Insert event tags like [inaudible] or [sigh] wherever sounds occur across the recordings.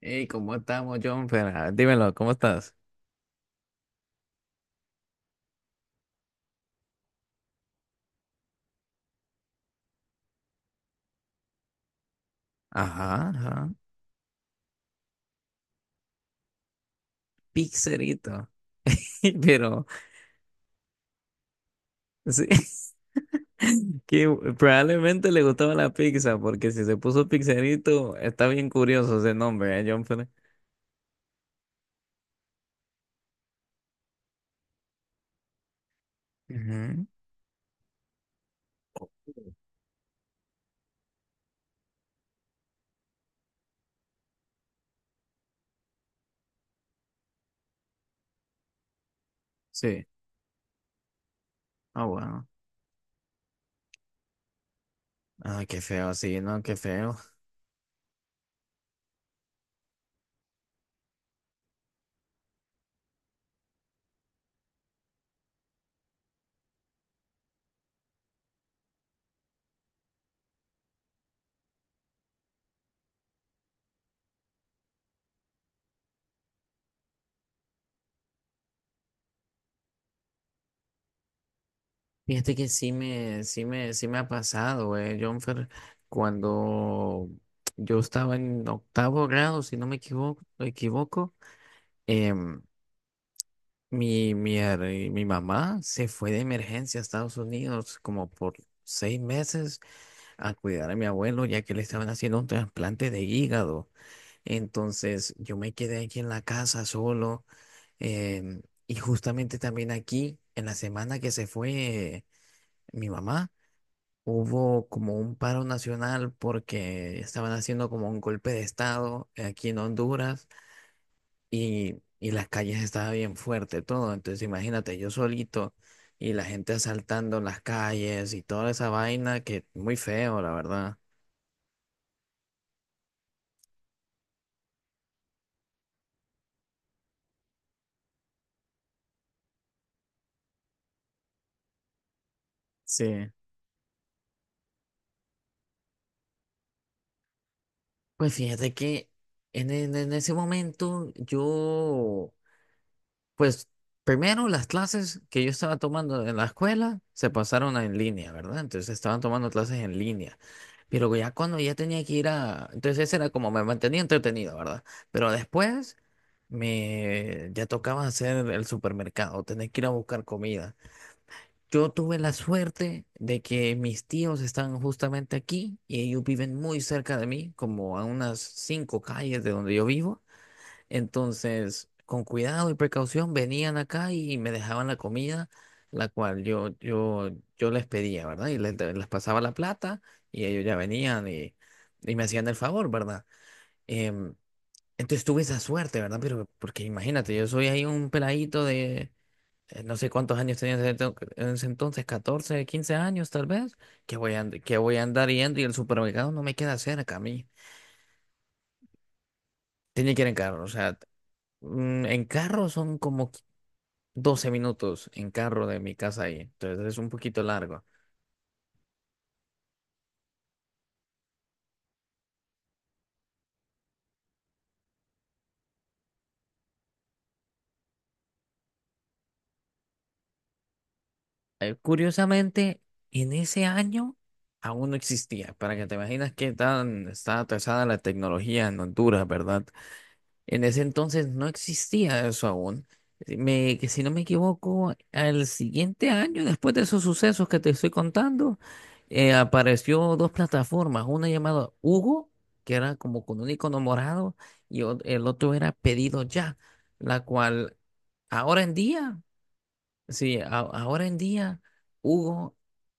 Hey, ¿cómo estamos, John? Pero, ah, dímelo, ¿cómo estás? Ajá, ajá. Pizzerito. [laughs] Pero, sí, [laughs] que probablemente le gustaba la pizza, porque si se puso pizzerito, está bien curioso ese nombre, ¿eh, John? Ujú. Sí. Ah, bueno. Ah, qué feo, sí, no, qué feo. Fíjate que sí me ha pasado, güey, Jonfer, cuando yo estaba en octavo grado, si no me equivoco, equivoco, em, Mi, mi, her- mi mamá se fue de emergencia a Estados Unidos como por seis meses a cuidar a mi abuelo ya que le estaban haciendo un trasplante de hígado. Entonces yo me quedé aquí en la casa solo em, y justamente también aquí, en la semana que se fue mi mamá, hubo como un paro nacional porque estaban haciendo como un golpe de estado aquí en Honduras y las calles estaba bien fuerte todo. Entonces imagínate yo solito y la gente asaltando las calles y toda esa vaina que muy feo, la verdad. Sí. Pues fíjate que en ese momento yo... Pues primero las clases que yo estaba tomando en la escuela se pasaron a en línea, ¿verdad? Entonces estaban tomando clases en línea. Pero ya cuando ya tenía que ir a... Entonces ese era como me mantenía entretenido, ¿verdad? Pero después me ya tocaba hacer el supermercado, tener que ir a buscar comida. Yo tuve la suerte de que mis tíos están justamente aquí y ellos viven muy cerca de mí, como a unas cinco calles de donde yo vivo. Entonces, con cuidado y precaución, venían acá y me dejaban la comida, la cual yo les pedía, ¿verdad? Y les pasaba la plata y ellos ya venían y me hacían el favor, ¿verdad? Em, entonces tuve esa suerte, ¿verdad? Pero porque imagínate, yo soy ahí un peladito de no sé cuántos años tenía en ese en ese entonces, 14 15 años tal vez, que voy a andar yendo y el supermercado no me queda cerca a mí. Tenía que ir en carro, o sea, en carro son como 12 minutos en carro de mi casa ahí, entonces es un poquito largo. Curiosamente, en ese año aún no existía, para que te imaginas qué tan está atrasada la tecnología en Honduras, ¿verdad? En ese entonces no existía eso aún. Que si no me equivoco, al siguiente año, después de esos sucesos que te estoy contando, apareció dos plataformas, una llamada Hugo, que era como con un icono morado, y el otro era Pedido Ya, la cual ahora en día, sí, ahora en día, Hugo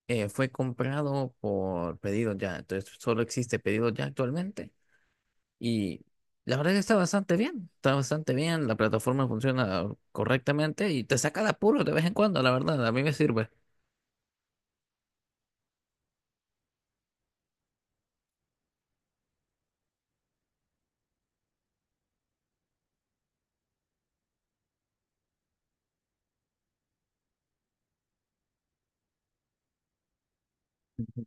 fue comprado por Pedido Ya, entonces solo existe Pedido Ya actualmente. Y la verdad que está bastante bien, la plataforma funciona correctamente y te saca de apuro de vez en cuando, la verdad, a mí me sirve. Ujú.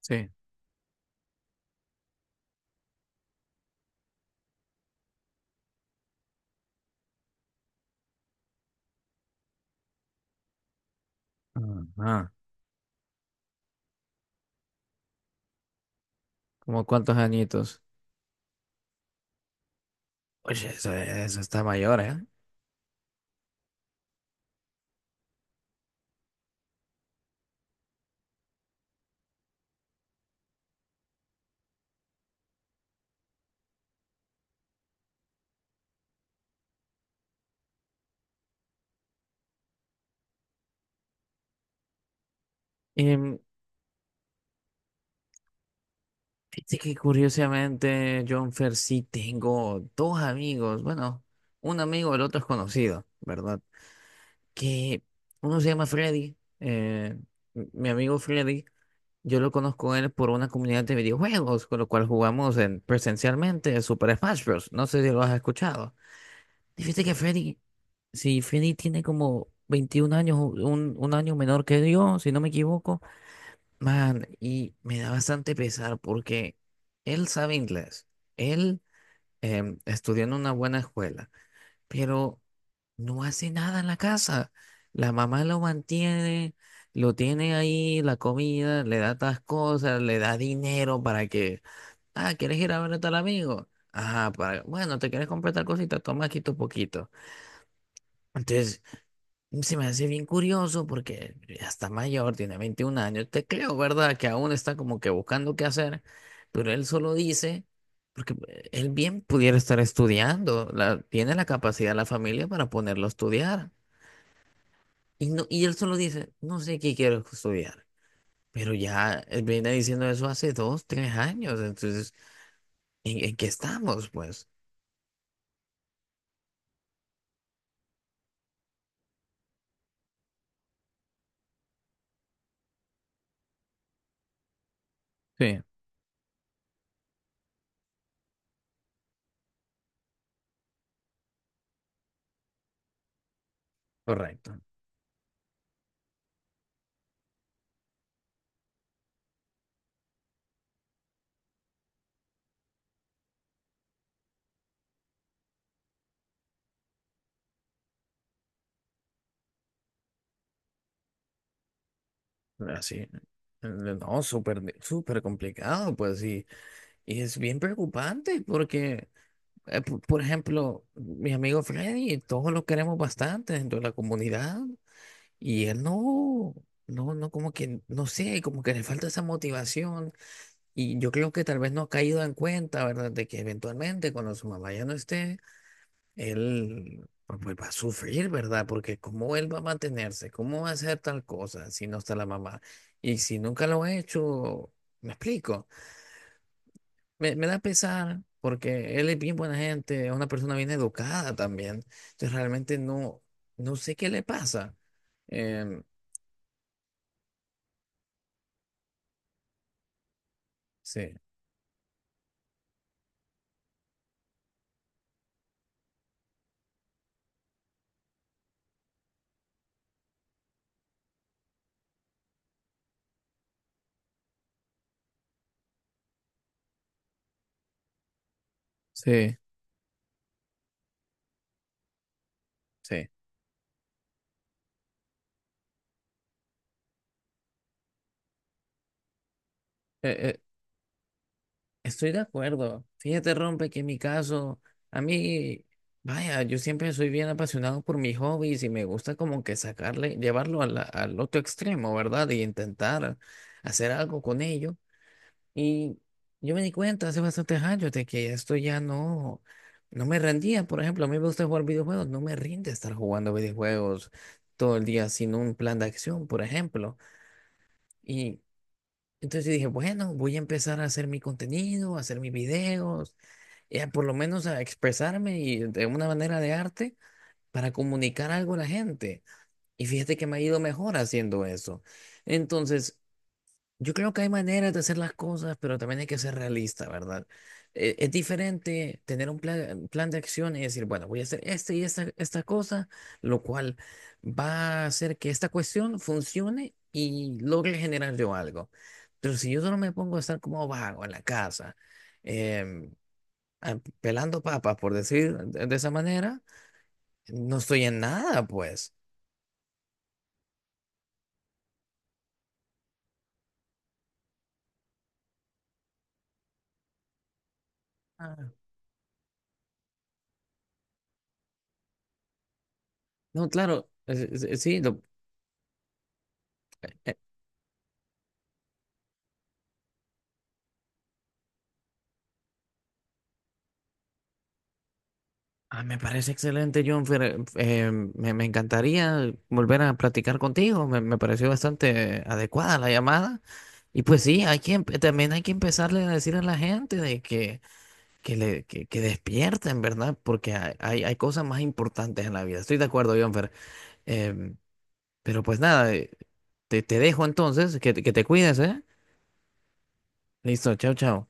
Sí. Ajá. ¿Como cuántos añitos? Oye, eso está mayor, ¿eh? Em, fíjate que curiosamente, John Fer, sí tengo dos amigos, bueno, un amigo, el otro es conocido, ¿verdad? Que uno se llama Freddy, mi amigo Freddy. Yo lo conozco a él por una comunidad de videojuegos, con lo cual jugamos en, presencialmente Super Smash Bros. No sé si lo has escuchado. Y fíjate que Freddy, si Freddy tiene como 21 años, un año menor que yo, si no me equivoco, man, y me da bastante pesar porque él sabe inglés, él estudió en una buena escuela pero no hace nada en la casa. La mamá lo mantiene, lo tiene ahí, la comida, le da tas cosas, le da dinero para que, ah, ¿quieres ir a ver a tal amigo? Ajá, para, bueno, te quieres comprar tal cosita, toma aquí tu poquito. Entonces, se me hace bien curioso porque ya está mayor, tiene 21 años. Te creo, ¿verdad? Que aún está como que buscando qué hacer, pero él solo dice, porque él bien pudiera estar estudiando, la, tiene la capacidad la familia para ponerlo a estudiar. Y, no, y él solo dice, no sé qué quiero estudiar, pero ya él viene diciendo eso hace dos, tres años. Entonces, en qué estamos, pues? Sí. Correcto. Así. No, súper, súper complicado, pues sí. Y es bien preocupante porque, por ejemplo, mi amigo Freddy, todos lo queremos bastante dentro de la comunidad y él no, no, no, como que, no sé, como que le falta esa motivación y yo creo que tal vez no ha caído en cuenta, ¿verdad? De que eventualmente cuando su mamá ya no esté, él pues, pues, va a sufrir, ¿verdad? Porque cómo él va a mantenerse, cómo va a hacer tal cosa si no está la mamá y si nunca lo ha hecho, ¿me explico? Me da pesar porque él es bien buena gente, es una persona bien educada también. Entonces realmente no, no sé qué le pasa. Em, sí, sí, sí. Eh, estoy de acuerdo. Fíjate, Rompe, que en mi caso, a mí, vaya, yo siempre soy bien apasionado por mis hobbies y me gusta como que sacarle, llevarlo a al otro extremo, ¿verdad? Y intentar hacer algo con ello. Y yo me di cuenta hace bastantes años de que esto ya no me rendía. Por ejemplo, a mí me gusta jugar videojuegos, no me rinde estar jugando videojuegos todo el día sin un plan de acción, por ejemplo. Y entonces yo dije, bueno, voy a empezar a hacer mi contenido, a hacer mis videos, y a por lo menos a expresarme y de una manera de arte para comunicar algo a la gente. Y fíjate que me ha ido mejor haciendo eso. Entonces... Yo creo que hay maneras de hacer las cosas, pero también hay que ser realista, ¿verdad? Es diferente tener un plan de acción y decir, bueno, voy a hacer este y esta cosa, lo cual va a hacer que esta cuestión funcione y logre generar yo algo. Pero si yo solo me pongo a estar como vago en la casa, em, pelando papas, por decir de esa manera, no estoy en nada, pues. Ah. No, claro, sí, eh, Ah, me parece excelente, John. Me encantaría volver a platicar contigo. Me pareció bastante adecuada la llamada. Y pues sí, también hay que empezarle a decir a la gente de que, que despierten, ¿verdad? Porque hay cosas más importantes en la vida. Estoy de acuerdo, John. Fer. Em, pero pues nada, te dejo entonces, que te cuides, ¿eh? Listo, chao, chao.